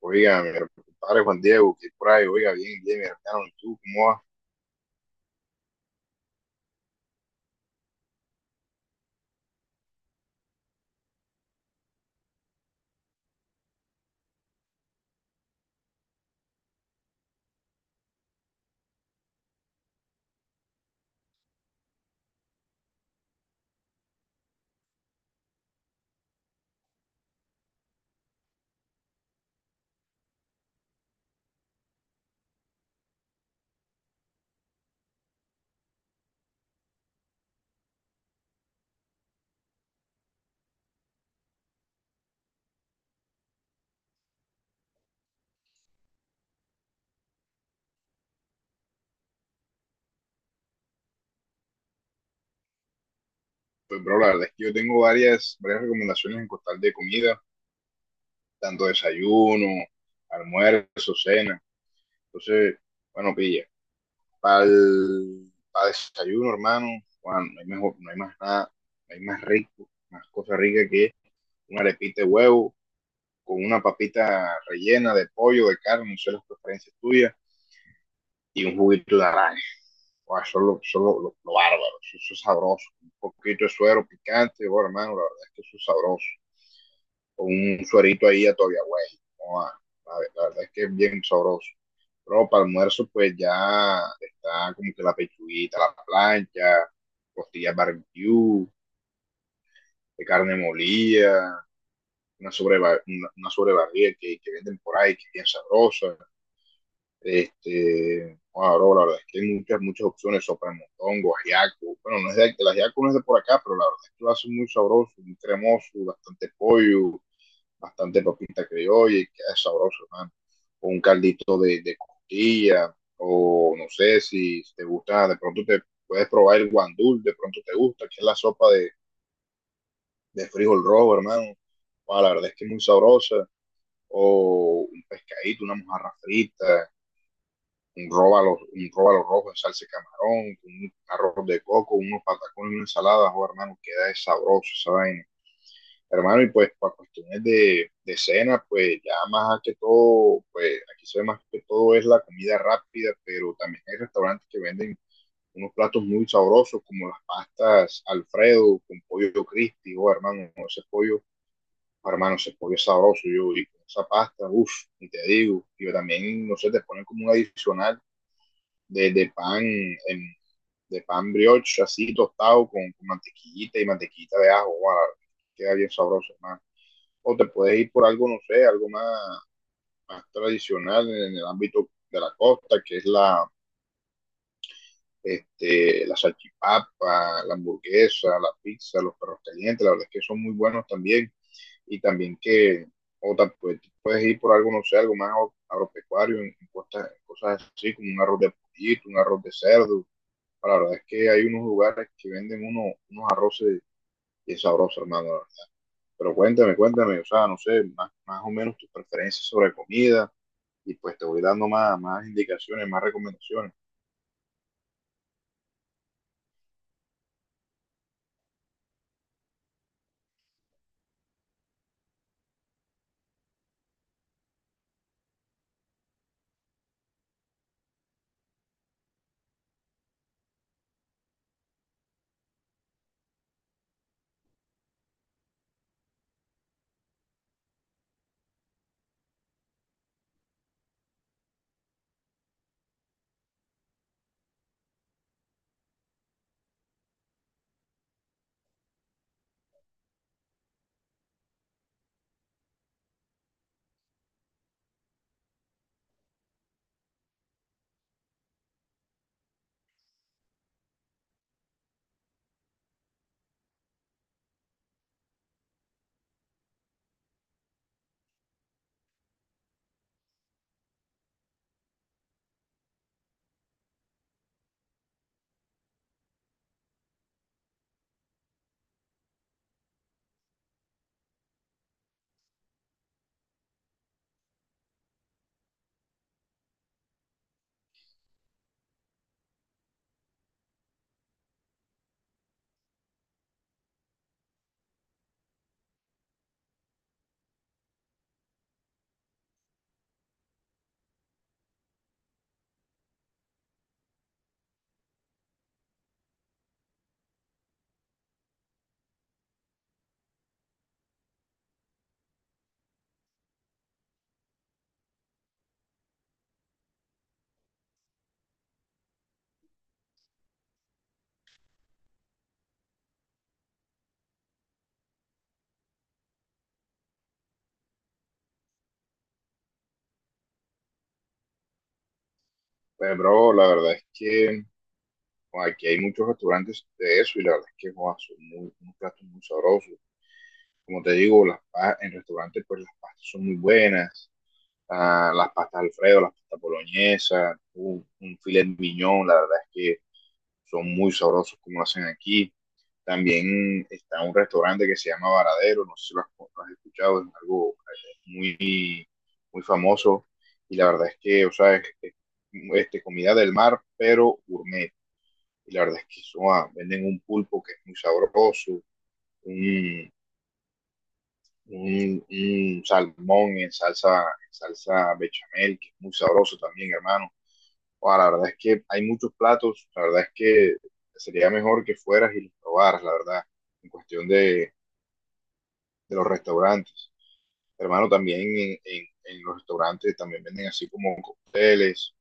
Oiga, mi compadre Juan Diego, que por ahí, oiga, bien, bien, mi hermano, ¿y tú cómo vas? Pues, bro, la verdad es que yo tengo varias, varias recomendaciones en costal de comida, tanto desayuno, almuerzo, cena. Entonces, bueno, pilla, para desayuno, hermano, Juan, no hay mejor, no hay más nada, no hay más rico, más cosa rica que una arepita de huevo con una papita rellena de pollo, de carne, no sé las preferencias tuyas, y un juguito de naranja. Guau, son lo bárbaro. Eso es sabroso. Un poquito de suero picante, bueno, hermano, la verdad es que eso es sabroso. Con un suerito ahí a todavía, güey. Guau, la verdad es que es bien sabroso. Pero para almuerzo, pues ya está como que la pechuguita, a la plancha, costillas barbecue, de carne molida, una sobrebarriga que venden por ahí, que es bien sabrosa. Este, bueno, la verdad es que hay muchas, muchas opciones, sopramontongo, ajiaco. Bueno, no es de, el ajiaco no es de por acá, pero la verdad es que lo hace muy sabroso, muy cremoso, bastante pollo, bastante papita criolla, y queda sabroso, hermano. O un caldito de costilla, o no sé si te gusta, de pronto te puedes probar el guandul, de pronto te gusta, que es la sopa de frijol rojo, hermano. Bueno, la verdad es que es muy sabrosa. O un pescadito, una mojarra frita, un róbalo rojo en salsa de camarón, con un arroz de coco, unos patacones, y una ensalada, oh, hermano, queda sabroso esa vaina. Hermano, y pues para cuestiones de cena, pues ya más que todo, pues aquí se ve más que todo es la comida rápida, pero también hay restaurantes que venden unos platos muy sabrosos como las pastas Alfredo con pollo crispy, oh hermano, ese pollo es sabroso, yo y con esa pasta, uff, y te digo, y también, no sé, te ponen como un adicional de, de pan, en, de pan brioche así tostado con mantequillita y mantequillita de ajo, wow, queda bien sabroso, man. O te puedes ir por algo, no sé, algo más tradicional en el ámbito de la costa, que es la salchipapa, la hamburguesa, la pizza, los perros calientes, la verdad es que son muy buenos también. Y también que, o te puedes ir por algo, no sé, algo más agro- agropecuario, en cosas así como un arroz de pollito, un arroz de cerdo, la verdad es que hay unos lugares que venden unos arroces y es sabroso, hermano, la verdad. Pero cuéntame, cuéntame, o sea, no sé, más o menos tus preferencias sobre comida y pues te voy dando más indicaciones, más recomendaciones. Pues, bro, la verdad es que bueno, aquí hay muchos restaurantes de eso y la verdad es que joa, son muy, unos platos muy sabrosos. Como te digo, en restaurantes pues las pastas son muy buenas. Ah, las pastas Alfredo, las pastas boloñesas, un filet mignon, la verdad es que son muy sabrosos como lo hacen aquí. También está un restaurante que se llama Varadero, no sé si lo has escuchado, es algo muy famoso y la verdad es que, o sea, es comida del mar, pero gourmet. Y la verdad es que eso, ah, venden un pulpo que es muy sabroso, un, un salmón en salsa bechamel, que es muy sabroso también, hermano. Wow, la verdad es que hay muchos platos, la verdad es que sería mejor que fueras y los probaras, la verdad, en cuestión de los restaurantes. Hermano, también en los restaurantes también venden así como cócteles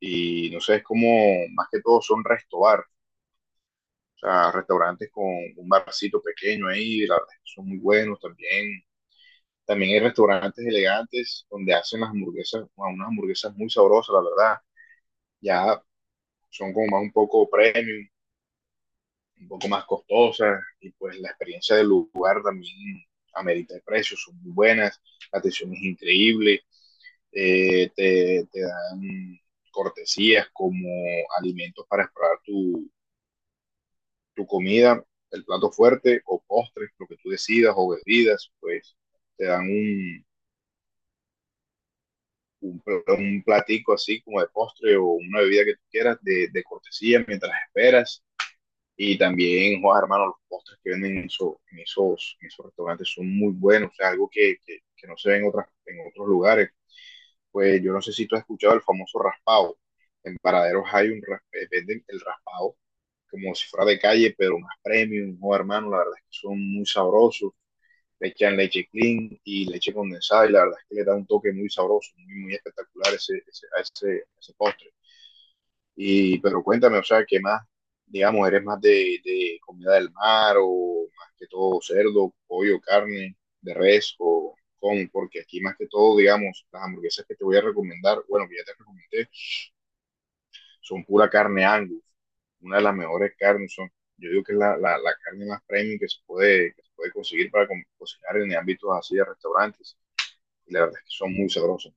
y no sé, es como más que todo son restobar, o sea, restaurantes con un barcito pequeño ahí, la verdad es que son muy buenos también. También hay restaurantes elegantes donde hacen las hamburguesas, wow, unas hamburguesas muy sabrosas, la verdad. Ya son como más un poco premium, un poco más costosas, y pues la experiencia del lugar también amerita el precio, son muy buenas, la atención es increíble, te dan cortesías como alimentos para explorar tu comida, el plato fuerte o postres, lo que tú decidas o bebidas, pues te dan un, un platico así como de postre o una bebida que tú quieras de cortesía mientras esperas. Y también, Juan, hermano, los postres que venden en esos restaurantes son muy buenos, o sea, algo que no se ve en otros lugares. Pues yo no sé si tú has escuchado el famoso raspado. En Paraderos hay venden el raspado como si fuera de calle, pero más premium, Juan, hermano, la verdad es que son muy sabrosos. Le echan leche clean y leche condensada y la verdad es que le da un toque muy sabroso, muy, muy espectacular a ese postre. Y, pero cuéntame, o sea, ¿qué más, digamos, eres más de comida del mar o más que todo cerdo, pollo, carne, de res o con? Porque aquí más que todo, digamos, las hamburguesas que te voy a recomendar, bueno, que ya te recomendé, son pura carne Angus, una de las mejores carnes, son, yo digo que es la carne más premium que se puede conseguir para cocinar en ámbitos así de restaurantes, y la verdad es que son muy sabrosas.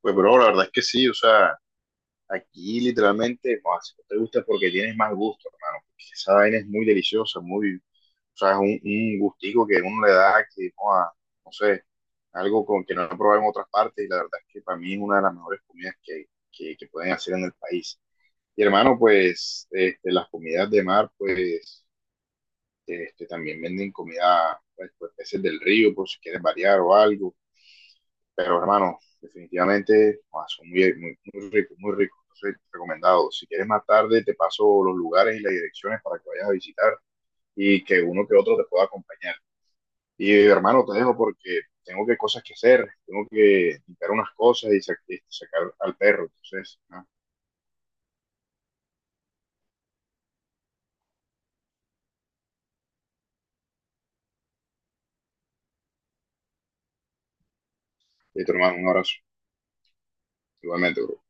Pues, bro, la verdad es que sí, o sea, aquí literalmente, no, si no te gusta es porque tienes más gusto, hermano. Porque esa vaina es muy deliciosa, muy, o sea, es un gustico que uno le da que, joa, no sé, algo con que no he probado en otras partes y la verdad es que para mí es una de las mejores comidas que pueden hacer en el país. Y hermano, pues este, las comidas de mar, pues este, también venden comida, pues peces del río, por si quieres variar o algo. Pero hermano, definitivamente son muy, muy, muy ricos, muy ricos. Entonces, recomendado. Si quieres más tarde, te paso los lugares y las direcciones para que vayas a visitar y que uno que otro te pueda acompañar. Y hermano, te dejo porque tengo que cosas que hacer, tengo que limpiar unas cosas y sacar al perro. Entonces, ¿no? Listo, hermano, un abrazo. Igualmente, bro.